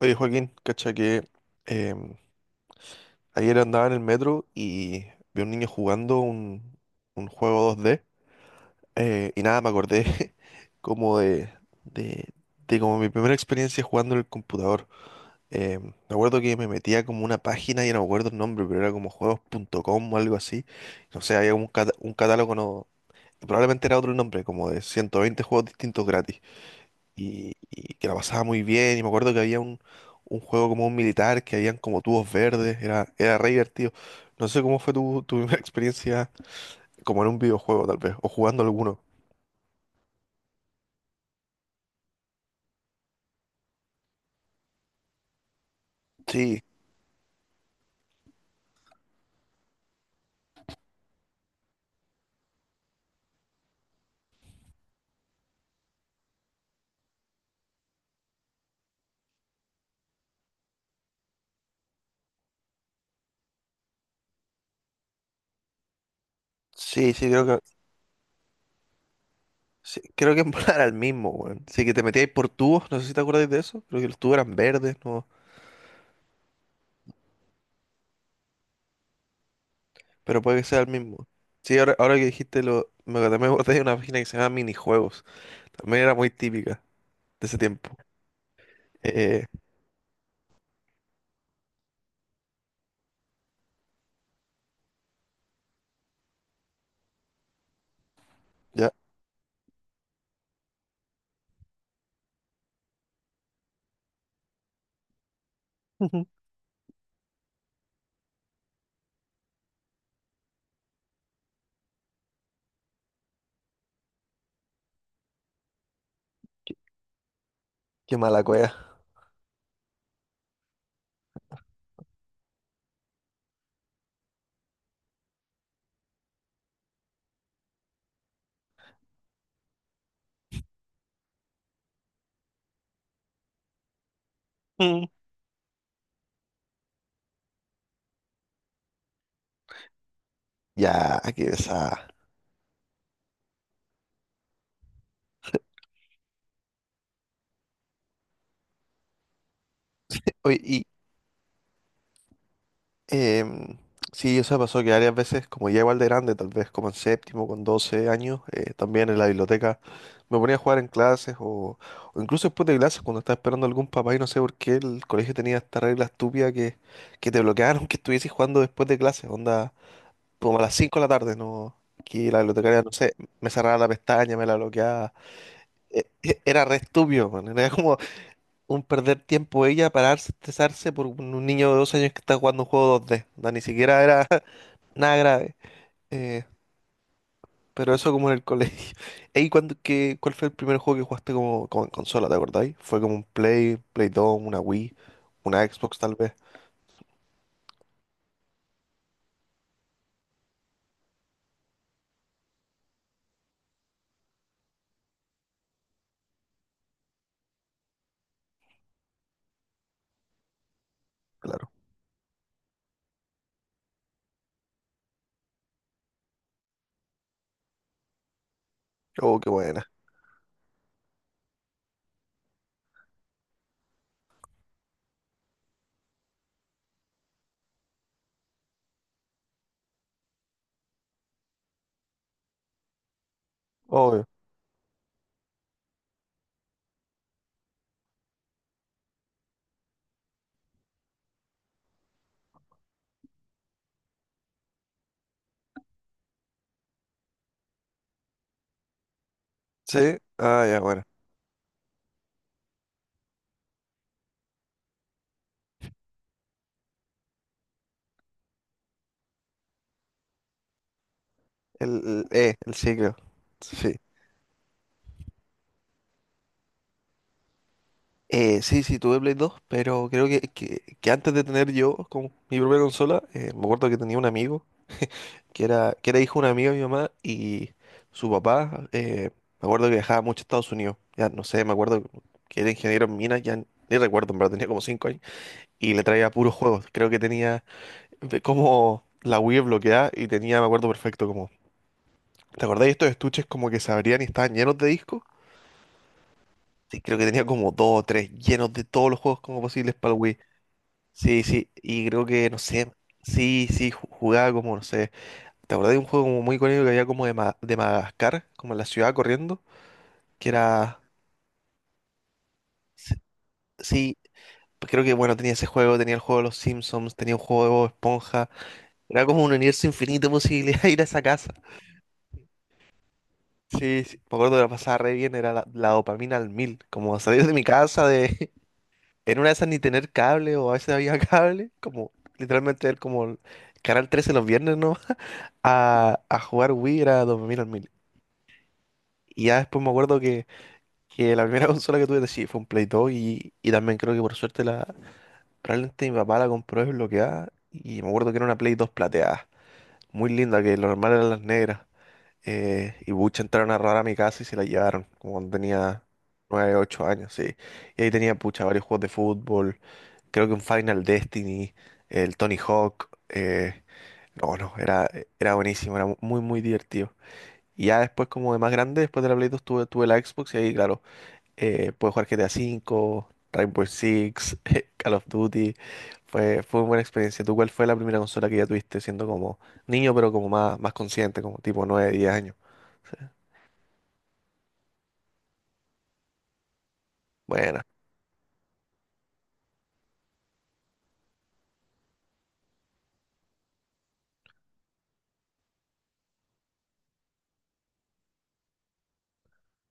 Oye, Joaquín, cacha que em, ayer andaba en el metro y vi a un niño jugando un juego 2D , y nada, me acordé como de, de como mi primera experiencia jugando en el computador. Me acuerdo que me metía como una página y no me acuerdo el nombre, pero era como juegos.com o algo así. No sé, había un catálogo, no, probablemente era otro nombre, como de 120 juegos distintos gratis y que la pasaba muy bien. Y me acuerdo que había un juego como un militar, que habían como tubos verdes, era re divertido. No sé cómo fue tu primera experiencia como en un videojuego, tal vez, o jugando alguno. Sí, sí, sí, creo que en volar era el mismo, weón. Sí, que te metíais por tubos, no sé si te acordáis de eso, creo que los tubos eran verdes, no, pero puede que sea el mismo. Sí, ahora que dijiste lo, me acordé de una página que se llama Minijuegos, también era muy típica de ese tiempo. Eh, ya, qué mala cueva. Ya, qué pesada. Oye, y em, sí, o sea, pasó que varias veces, como ya igual de grande, tal vez como en séptimo, con 12 años, también en la biblioteca me ponía a jugar en clases o incluso después de clases, cuando estaba esperando a algún papá y no sé por qué el colegio tenía esta regla estúpida que te bloquearon que estuvieses jugando después de clases, onda, como a las 5 de la tarde, ¿no? Que la bibliotecaria, no sé, me cerraba la pestaña, me la bloqueaba. Era re estúpido, man. Era como, un perder tiempo ella para estresarse por un niño de 2 años que está jugando un juego 2D. No, ni siquiera era nada grave. Eh, pero eso como en el colegio. Ey, cuál fue el primer juego que jugaste como en consola, te acordáis? ¿Fue como un Play 2, una Wii, una Xbox tal vez? Claro. Oh, qué buena. Obvio. Sí. Ah, ya, bueno. El ciclo. Sí. Sí, sí, tuve Play 2, pero creo que antes de tener yo como mi propia consola, me acuerdo que tenía un amigo que era hijo de un amigo de mi mamá y su papá, me acuerdo que viajaba mucho a Estados Unidos, ya no sé, me acuerdo que era ingeniero en minas, ya ni recuerdo, pero tenía como 5 años, y le traía puros juegos, creo que tenía como la Wii bloqueada y tenía, me acuerdo perfecto, como, ¿te acordáis de estos estuches como que se abrían y estaban llenos de discos? Sí, creo que tenía como dos o tres llenos de todos los juegos como posibles para el Wii. Sí, sí, y creo que, no sé, sí, sí, jugaba como, no sé. ¿Te acordás de un juego como muy icónico que había como de Madagascar, como en la ciudad corriendo? Que era. s- Sí, pues creo que bueno, tenía ese juego, tenía el juego de los Simpsons, tenía un juego de Bob Esponja. Era como un universo infinito de posibilidades de ir a esa casa. Sí, sí, me acuerdo que la pasaba re bien, era la dopamina al mil. Como salir de mi casa de. En una de esas ni tener cable o a veces había cable. Como literalmente ver como el Canal 13 los viernes, ¿no? A jugar Wii era dopamina al mil. Y ya después me acuerdo que la primera consola que tuve sí fue un Play 2 y también creo que por suerte la probablemente mi papá la compró desbloqueada y me acuerdo que era una Play 2 plateada, muy linda, que lo normal eran las negras. Y bucha entraron a robar a mi casa y se la llevaron, como cuando tenía 9 8 años, sí. Y ahí tenía pucha varios juegos de fútbol, creo que un Final Destiny, el Tony Hawk, no, no, era buenísimo, era muy muy divertido. Y ya después como de más grande, después de la Play 2 tuve la Xbox y ahí claro pude jugar GTA V, Rainbow Six, Call of Duty. Fue una buena experiencia. ¿Tú cuál fue la primera consola que ya tuviste siendo como niño, pero como más, más consciente, como tipo 9 10 años? Sí. Buena.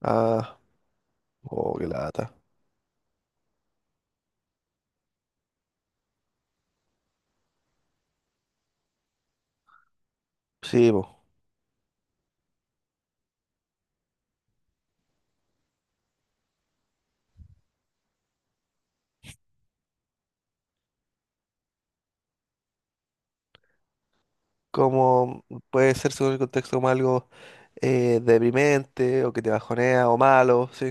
Ah, oh, qué lata. Sí, pues, como puede ser según el contexto como algo deprimente o que te bajonea o malo, sí.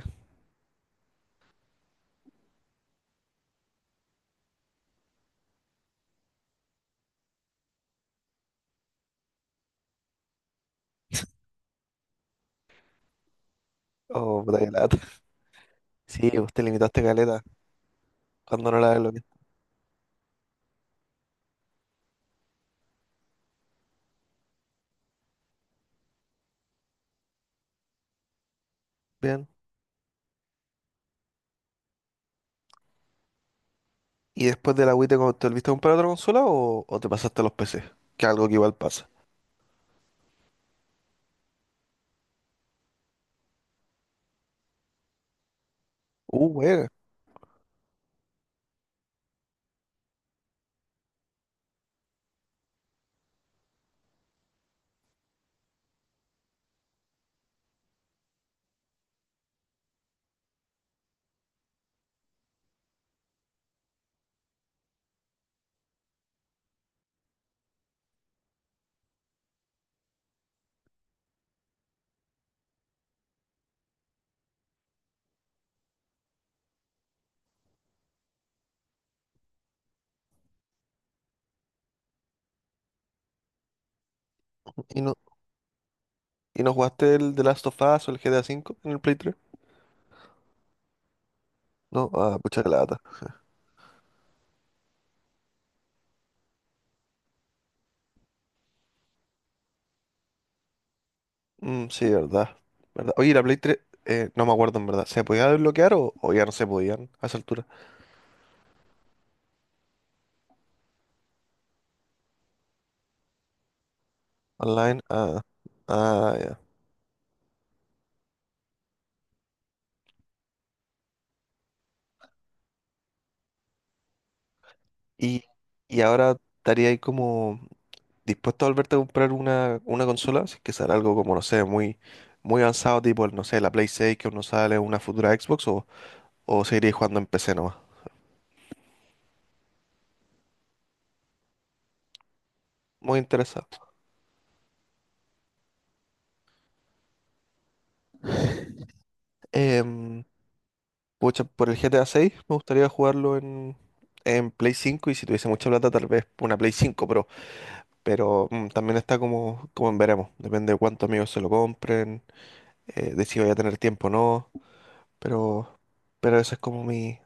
O puta, qué lata. Sí, pues te limitaste caleta cuando no la ves lo que bien. ¿Y después de la Wii te volviste a comprar otra consola o te pasaste a los PC? Que algo que igual pasa. Buena. ¿Y no, y no jugaste el The Last of Us o el GTA V en el Play 3? No, ah, pucha la lata. Mm, sí, verdad. ¿Verdad? Oye, y la Play 3, no me acuerdo en verdad. ¿Se podía desbloquear o ya no se podían a esa altura? Online, ah, ah, ya. ¿Y, y ahora estaría ahí como dispuesto a volverte a comprar una consola? Si es que sale algo como, no sé, muy, muy avanzado, tipo, no sé, la Play 6 que uno sale, una futura Xbox o seguiré jugando en PC nomás. Muy interesado. Em, Pucha, por el GTA 6 me gustaría jugarlo en Play 5 y si tuviese mucha plata tal vez una Play 5 Pro. Pero también está como, en veremos. Depende de cuántos amigos se lo compren, de si voy a tener tiempo o no. Pero, pero eso es como mi,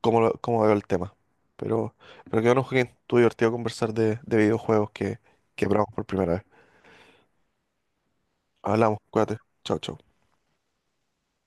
como, como veo el tema. Pero, pero que bueno, Joaquín, estuvo divertido conversar de videojuegos que probamos por primera vez. Hablamos, cuídate. Chao, chao.